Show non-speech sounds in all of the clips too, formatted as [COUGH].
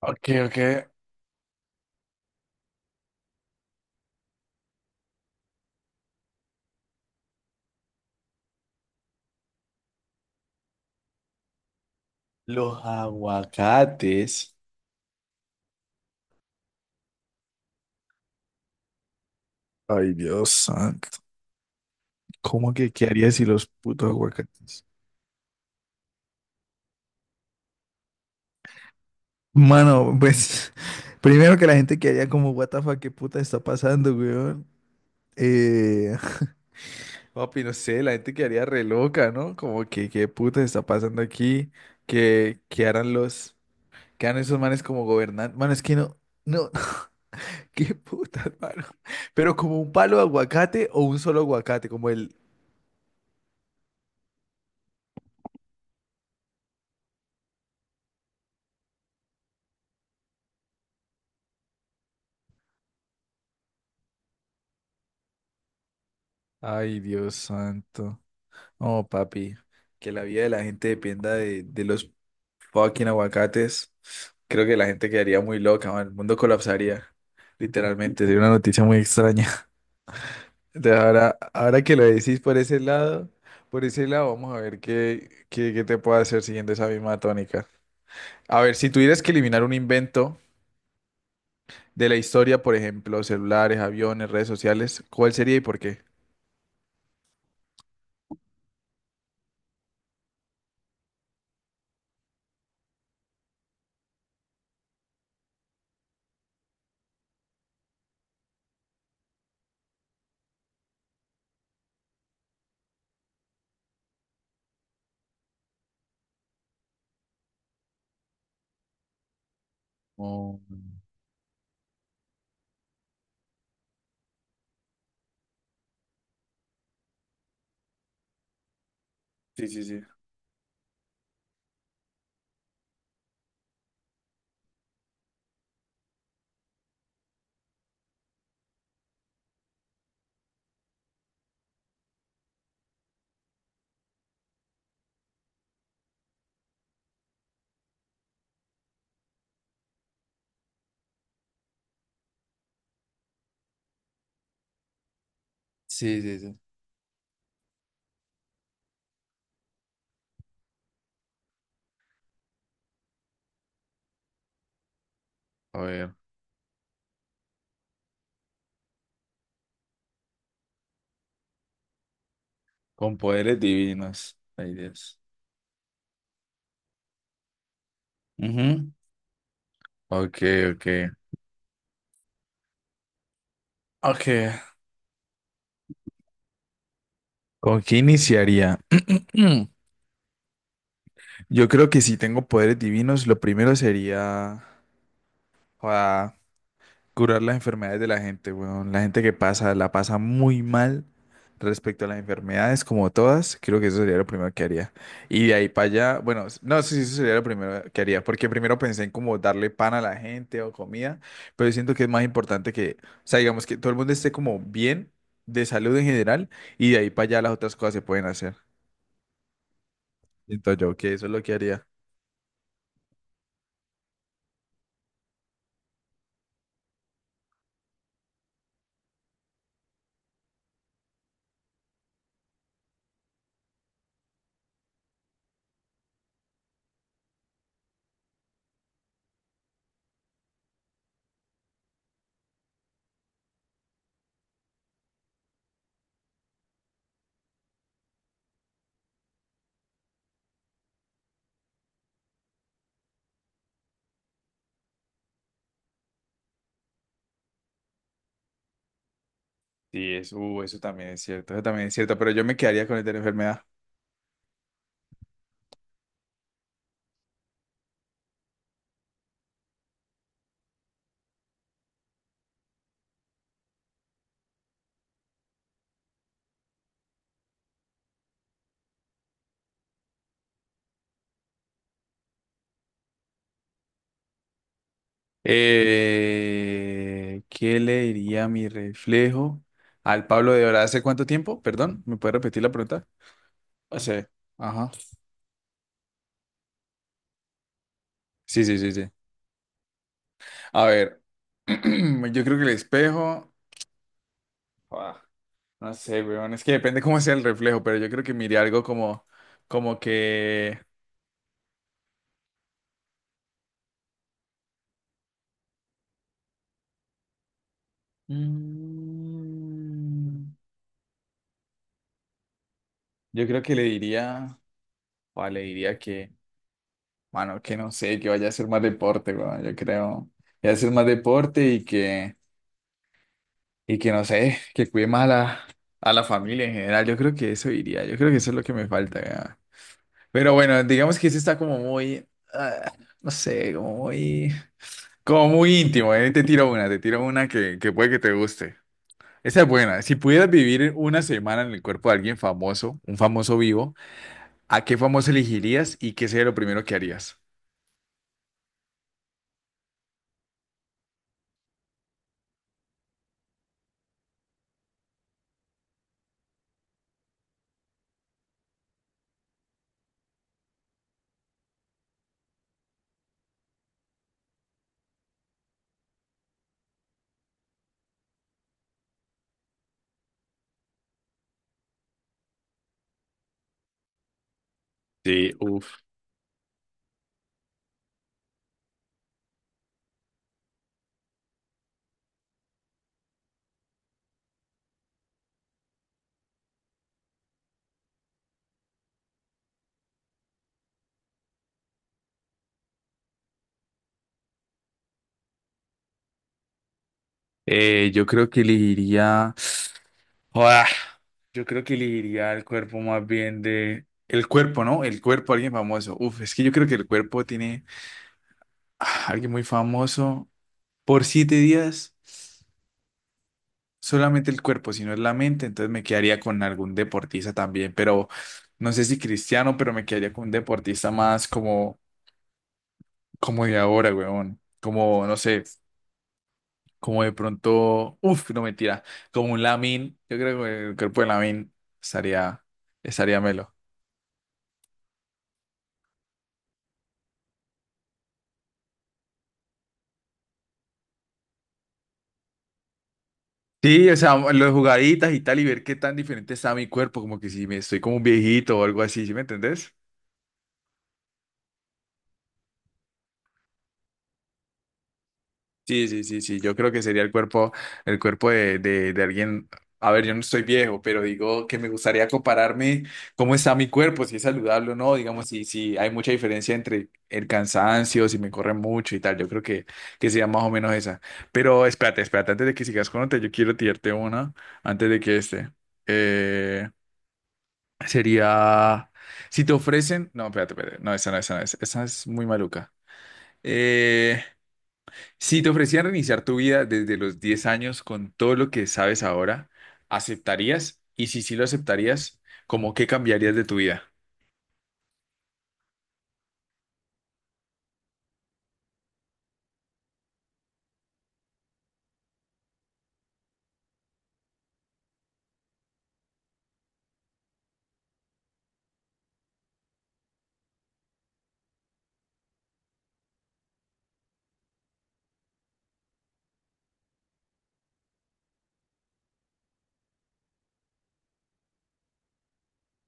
Ok, ok. Los aguacates. Ay, Dios santo. ¿Cómo que qué haría si los putos aguacates? Mano, pues [LAUGHS] primero que la gente que haría como, what the fuck, qué puta está pasando, weón. Eh, [LAUGHS] papi, no sé, la gente quedaría re loca, ¿no? Como que qué puta está pasando aquí, que harán los, que harán esos manes como gobernantes. Mano, es que no, no, [LAUGHS] qué puta, mano. Pero como un palo de aguacate o un solo aguacate, como el, ay, Dios santo. Oh, papi, que la vida de la gente dependa de los fucking aguacates. Creo que la gente quedaría muy loca, man. El mundo colapsaría. Literalmente, sería una noticia muy extraña. [LAUGHS] Entonces, ahora, ahora que lo decís por ese lado, vamos a ver qué, qué, qué te puedo hacer siguiendo esa misma tónica. A ver, si tuvieras que eliminar un invento de la historia, por ejemplo, celulares, aviones, redes sociales, ¿cuál sería y por qué? Oh. Sí, sí, sí. Sí, sí, sí. A ver. Con poderes divinos. Ay, Dios. Ujú. Ok, ok. Ok. ¿Con qué iniciaría? [CLEARS THROAT] Yo creo que si tengo poderes divinos, lo primero sería... joda, curar las enfermedades de la gente, weón. La gente que pasa, la pasa muy mal respecto a las enfermedades, como todas, creo que eso sería lo primero que haría. Y de ahí para allá, bueno, s- no sé si eso sería lo primero que haría, porque primero pensé en como darle pan a la gente o comida, pero yo siento que es más importante que, o sea, digamos que todo el mundo esté como bien de salud en general, y de ahí para allá las otras cosas se pueden hacer. Siento yo que eso es lo que haría. Sí, eso, eso también es cierto, eso también es cierto, pero yo me quedaría con el de la enfermedad. ¿Qué le diría mi reflejo al Pablo de ahora? ¿Hace cuánto tiempo? Perdón, ¿me puede repetir la pregunta? Hace, ajá. Sí, sí, sí, sí. A ver, [CLEARS THROAT] yo creo que el espejo, ah, no sé, weón, es que depende cómo sea el reflejo, pero yo creo que miré algo como, como que, mm, yo creo que le diría, o le diría que, mano, que no sé, que vaya a hacer más deporte, weón, yo creo, que vaya a hacer más deporte y que, y que no sé, que cuide más a la familia en general. Yo creo que eso iría, yo creo que eso es lo que me falta. Ya. Pero bueno, digamos que eso está como muy, ah, no sé, como muy íntimo. Te tiro una que puede que te guste. Esa es buena. Si pudieras vivir una semana en el cuerpo de alguien famoso, un famoso vivo, ¿a qué famoso elegirías y qué sería lo primero que harías? Sí, uff. Yo creo que elegiría... [SNIFFS] Yo creo que elegiría el cuerpo más bien de... El cuerpo, ¿no? El cuerpo, alguien famoso. Uf, es que yo creo que el cuerpo tiene, alguien muy famoso. Por siete días, solamente el cuerpo, si no es la mente, entonces me quedaría con algún deportista también, pero no sé si cristiano, pero me quedaría con un deportista más como, como de ahora, weón. Como, no sé, como de pronto... Uf, no mentira. Como un Lamin. Yo creo que el cuerpo de Lamin estaría, estaría melo. Sí, o sea, las jugaditas y tal, y ver qué tan diferente está mi cuerpo, como que si me estoy como un viejito o algo así, ¿sí me entendés? Sí, sí, sí, sí, yo creo que sería el cuerpo de alguien, a ver, yo no estoy viejo, pero digo que me gustaría compararme cómo está mi cuerpo, si es saludable o no, digamos, si, si hay mucha diferencia entre el cansancio, si me corre mucho y tal, yo creo que sería más o menos esa. Pero espérate, espérate, antes de que sigas con otra, yo quiero tirarte una, antes de que este. eh, Sería, si te ofrecen, no, espérate, espérate, no, esa no, esa no, esa es muy maluca. Eh, si te ofrecieran reiniciar tu vida desde los 10 años con todo lo que sabes ahora, ¿aceptarías? Y si sí lo aceptarías, ¿cómo qué cambiarías de tu vida?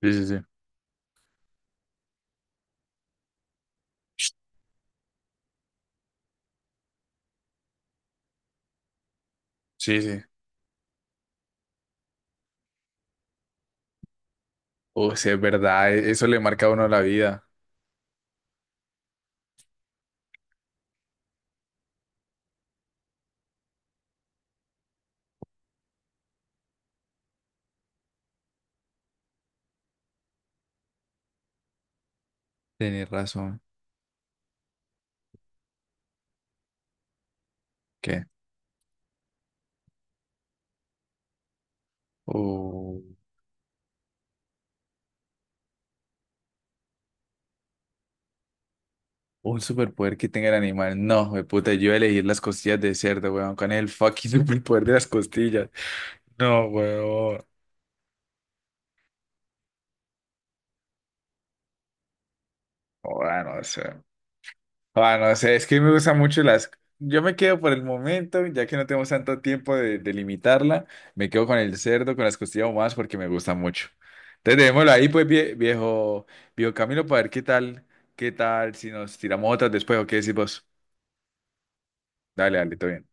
Sí, sí, sí. Sí, sí. O sea, es verdad, e- eso le marca a uno la vida. Tienes razón. ¿Qué? O un superpoder que tenga el animal. No, de puta, yo voy a elegir las costillas de cerdo, weón. ¿Cuál es el fucking [LAUGHS] superpoder de las costillas? No, huevo. Ah, no sé. Ah, no sé. Es que me gustan mucho las. Yo me quedo por el momento, ya que no tenemos tanto tiempo de limitarla. Me quedo con el cerdo, con las costillas más porque me gusta mucho. Entonces, dejémoslo ahí, pues, vie- viejo, viejo Camilo, para ver qué tal, si nos tiramos otras después o qué decís vos. Dale, dale, todo bien.